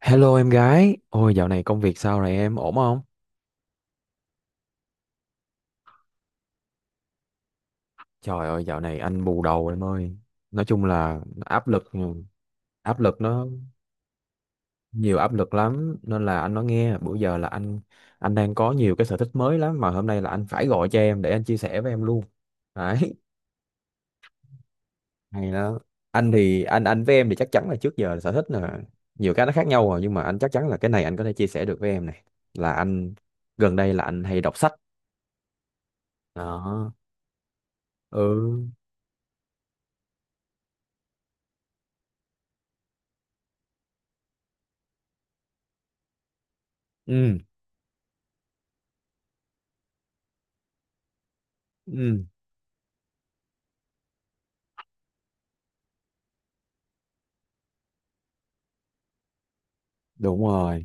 Hello em gái, ôi dạo này công việc sao rồi em, ổn không? Trời ơi dạo này anh bù đầu em ơi. Nói chung là áp lực, áp lực nó nhiều áp lực lắm nên là anh nói nghe, bữa giờ là anh đang có nhiều cái sở thích mới lắm mà hôm nay là anh phải gọi cho em để anh chia sẻ với em luôn. Đấy, hay đó. Anh thì anh với em thì chắc chắn là trước giờ sở thích là nhiều cái nó khác nhau rồi nhưng mà anh chắc chắn là cái này anh có thể chia sẻ được với em này. Là anh gần đây là anh hay đọc sách. Đó. Ừ. Ừ. Ừ, đúng rồi.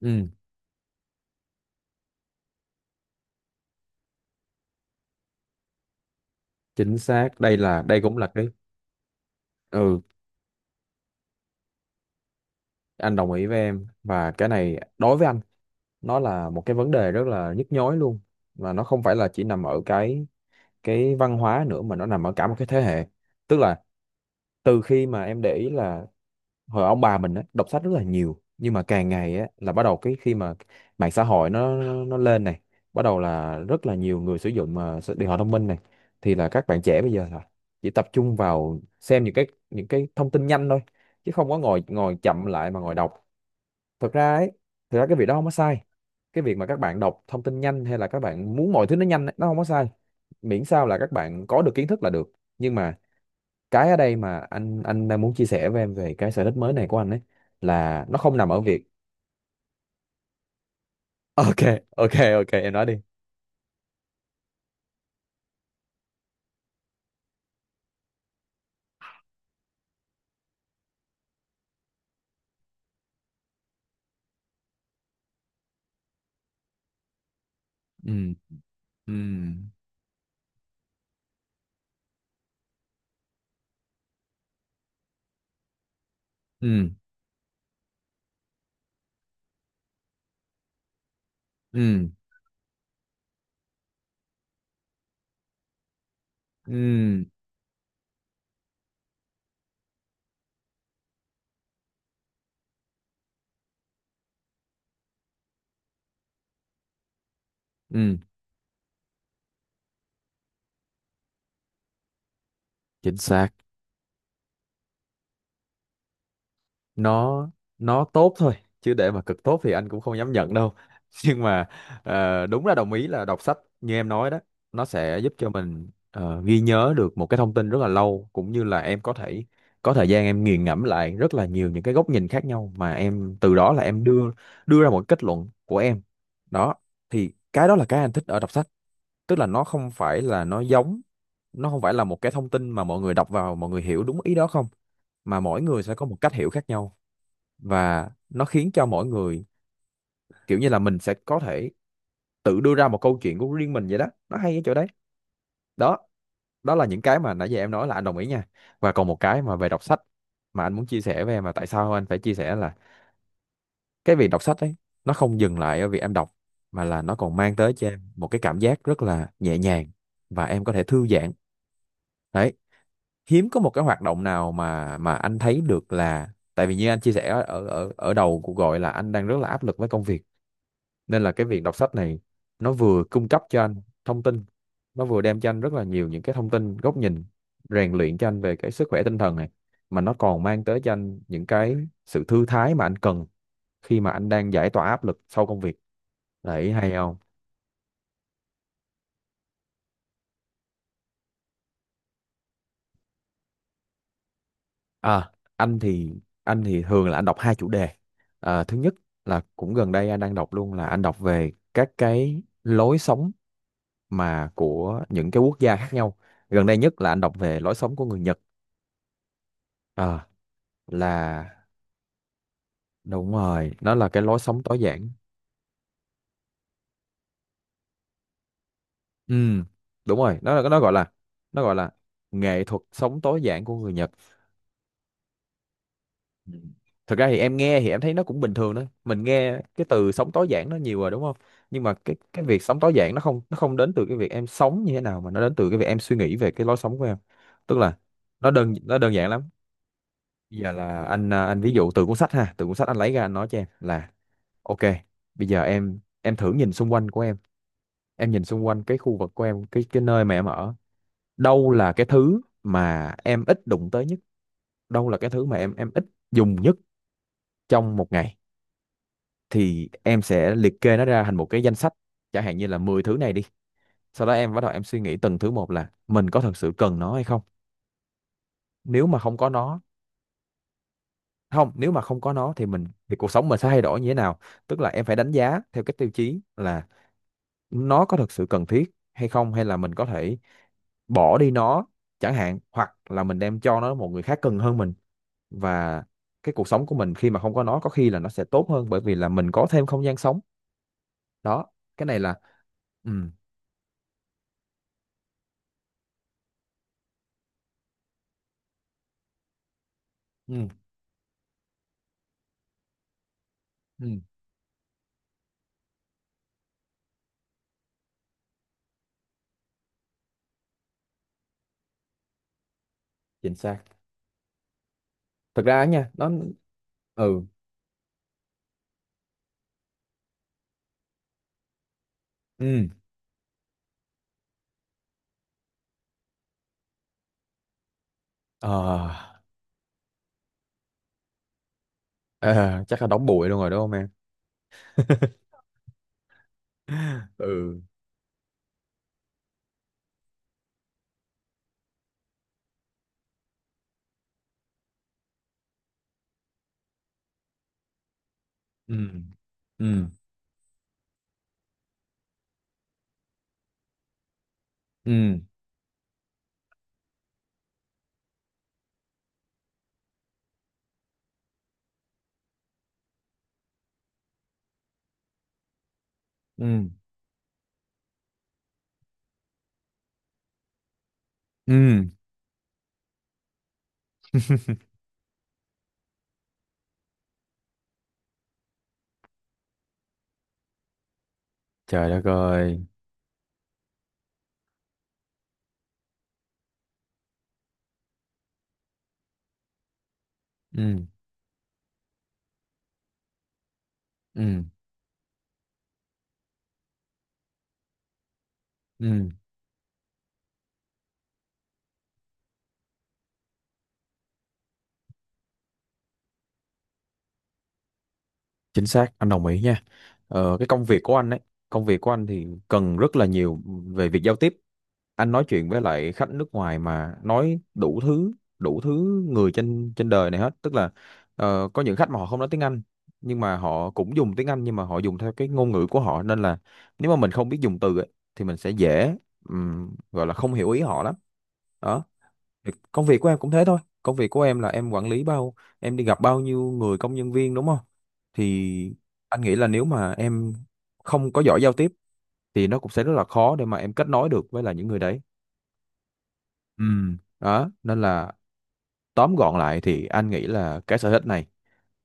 Ừ, chính xác. Đây là đây cũng là cái ừ, anh đồng ý với em và cái này đối với anh nó là một cái vấn đề rất là nhức nhối luôn và nó không phải là chỉ nằm ở cái văn hóa nữa mà nó nằm ở cả một cái thế hệ. Tức là từ khi mà em để ý là hồi ông bà mình á, đọc sách rất là nhiều nhưng mà càng ngày á, là bắt đầu cái khi mà mạng xã hội nó lên này bắt đầu là rất là nhiều người sử dụng mà điện thoại thông minh này thì là các bạn trẻ bây giờ là chỉ tập trung vào xem những cái thông tin nhanh thôi chứ không có ngồi ngồi chậm lại mà ngồi đọc thực ra ấy, thực ra cái việc đó không có sai, cái việc mà các bạn đọc thông tin nhanh hay là các bạn muốn mọi thứ nó nhanh ấy, nó không có sai, miễn sao là các bạn có được kiến thức là được. Nhưng mà cái ở đây mà anh đang muốn chia sẻ với em về cái sở thích mới này của anh ấy là nó không nằm ở việc ok. Ok, ok em nói đi. Ừ, ừ, ừ, ừ, ừ, ừ, chính xác. Nó nó tốt thôi chứ để mà cực tốt thì anh cũng không dám nhận đâu. Nhưng mà đúng là đồng ý là đọc sách như em nói đó, nó sẽ giúp cho mình ghi nhớ được một cái thông tin rất là lâu cũng như là em có thể có thời gian em nghiền ngẫm lại rất là nhiều những cái góc nhìn khác nhau mà em từ đó là em đưa đưa ra một kết luận của em. Đó thì cái đó là cái anh thích ở đọc sách, tức là nó không phải là nó giống, nó không phải là một cái thông tin mà mọi người đọc vào mọi người hiểu đúng ý đó không, mà mỗi người sẽ có một cách hiểu khác nhau và nó khiến cho mỗi người kiểu như là mình sẽ có thể tự đưa ra một câu chuyện của riêng mình vậy đó, nó hay ở chỗ đấy. Đó đó là những cái mà nãy giờ em nói là anh đồng ý nha. Và còn một cái mà về đọc sách mà anh muốn chia sẻ với em mà tại sao anh phải chia sẻ là cái việc đọc sách ấy, nó không dừng lại ở việc em đọc mà là nó còn mang tới cho em một cái cảm giác rất là nhẹ nhàng và em có thể thư giãn. Đấy, hiếm có một cái hoạt động nào mà anh thấy được là tại vì như anh chia sẻ ở ở ở đầu cuộc gọi là anh đang rất là áp lực với công việc nên là cái việc đọc sách này nó vừa cung cấp cho anh thông tin, nó vừa đem cho anh rất là nhiều những cái thông tin góc nhìn, rèn luyện cho anh về cái sức khỏe tinh thần này mà nó còn mang tới cho anh những cái sự thư thái mà anh cần khi mà anh đang giải tỏa áp lực sau công việc. Đấy, hay không? À, anh thì anh thì thường là anh đọc hai chủ đề. À, thứ nhất là cũng gần đây anh đang đọc luôn, là anh đọc về các cái lối sống mà của những cái quốc gia khác nhau, gần đây nhất là anh đọc về lối sống của người Nhật. Ờ, là đúng rồi, nó là cái lối sống tối giản. Ừ, đúng rồi, nó là nó gọi là nghệ thuật sống tối giản của người Nhật. Ừ. Thực ra thì em nghe thì em thấy nó cũng bình thường đó, mình nghe cái từ sống tối giản nó nhiều rồi đúng không, nhưng mà cái việc sống tối giản nó không đến từ cái việc em sống như thế nào mà nó đến từ cái việc em suy nghĩ về cái lối sống của em. Tức là nó đơn giản lắm. Bây giờ là anh ví dụ từ cuốn sách ha, từ cuốn sách anh lấy ra anh nói cho em là ok, bây giờ em thử nhìn xung quanh của em nhìn xung quanh cái khu vực của em, cái nơi mà em ở, đâu là cái thứ mà em ít đụng tới nhất, đâu là cái thứ mà em ít dùng nhất trong một ngày, thì em sẽ liệt kê nó ra thành một cái danh sách, chẳng hạn như là 10 thứ này đi, sau đó em bắt đầu em suy nghĩ từng thứ một là mình có thật sự cần nó hay không. Nếu mà không có nó, không, nếu mà không có nó thì mình thì cuộc sống mình sẽ thay đổi như thế nào, tức là em phải đánh giá theo cái tiêu chí là nó có thật sự cần thiết hay không, hay là mình có thể bỏ đi nó chẳng hạn, hoặc là mình đem cho nó một người khác cần hơn mình, và cái cuộc sống của mình khi mà không có nó có khi là nó sẽ tốt hơn bởi vì là mình có thêm không gian sống. Đó, cái này là ừ, ừ, ừ, chính xác. Thực ra á nha, nó ừ, ừ, ờ ờ, chắc là đóng bụi luôn rồi đúng không em? Ừ, ừ, ừ, ừ, ừ, ừ. Trời đất ơi. Ừ, ừ, ừ, chính xác, anh đồng ý nha. Ờ, cái công việc của anh ấy, công việc của anh thì cần rất là nhiều về việc giao tiếp, anh nói chuyện với lại khách nước ngoài mà nói đủ thứ, đủ thứ người trên trên đời này hết, tức là ờ, có những khách mà họ không nói tiếng Anh nhưng mà họ cũng dùng tiếng Anh nhưng mà họ dùng theo cái ngôn ngữ của họ nên là nếu mà mình không biết dùng từ ấy, thì mình sẽ dễ gọi là không hiểu ý họ lắm. Đó, thì công việc của em cũng thế thôi, công việc của em là em quản lý bao, em đi gặp bao nhiêu người công nhân viên đúng không, thì anh nghĩ là nếu mà em không có giỏi giao tiếp thì nó cũng sẽ rất là khó để mà em kết nối được với lại những người đấy. Ừ, đó nên là tóm gọn lại thì anh nghĩ là cái sở thích này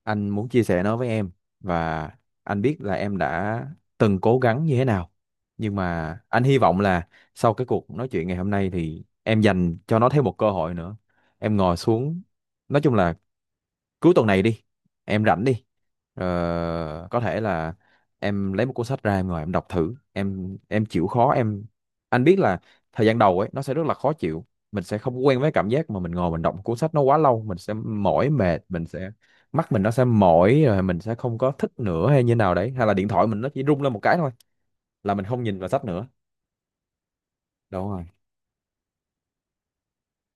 anh muốn chia sẻ nó với em, và anh biết là em đã từng cố gắng như thế nào, nhưng mà anh hy vọng là sau cái cuộc nói chuyện ngày hôm nay thì em dành cho nó thêm một cơ hội nữa. Em ngồi xuống, nói chung là cuối tuần này đi, em rảnh đi, Ờ, có thể là em lấy một cuốn sách ra em ngồi em đọc thử em chịu khó em, anh biết là thời gian đầu ấy nó sẽ rất là khó chịu, mình sẽ không quen với cảm giác mà mình ngồi mình đọc một cuốn sách nó quá lâu, mình sẽ mỏi mệt, mình sẽ mắt mình nó sẽ mỏi rồi mình sẽ không có thích nữa hay như nào đấy, hay là điện thoại mình nó chỉ rung lên một cái thôi là mình không nhìn vào sách nữa. Đúng rồi.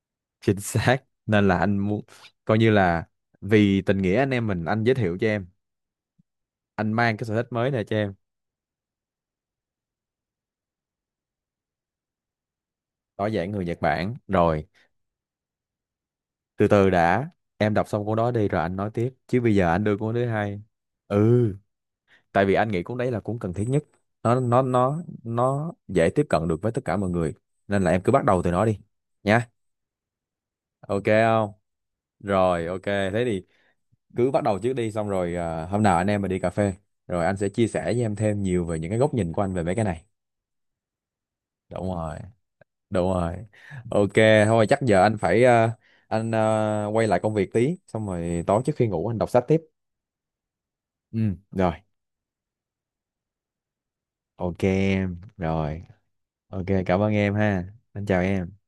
Chính xác, nên là anh muốn coi như là vì tình nghĩa anh em mình anh giới thiệu cho em, anh mang cái sở thích mới này cho em. Tối giản người Nhật Bản rồi. Từ từ đã, em đọc xong cuốn đó đi rồi anh nói tiếp chứ bây giờ anh đưa cuốn thứ hai. Ừ, tại vì anh nghĩ cuốn đấy là cuốn cần thiết nhất, nó dễ tiếp cận được với tất cả mọi người nên là em cứ bắt đầu từ nó đi nha. Ok không? Rồi, ok thế thì cứ bắt đầu trước đi, xong rồi à, hôm nào anh em mình đi cà phê rồi anh sẽ chia sẻ với em thêm nhiều về những cái góc nhìn của anh về mấy cái này. Đúng rồi, đúng rồi. Ok, thôi chắc giờ anh phải quay lại công việc tí xong rồi tối trước khi ngủ anh đọc sách tiếp. Ừ, rồi, ok em, rồi, ok cảm ơn em ha, anh chào em.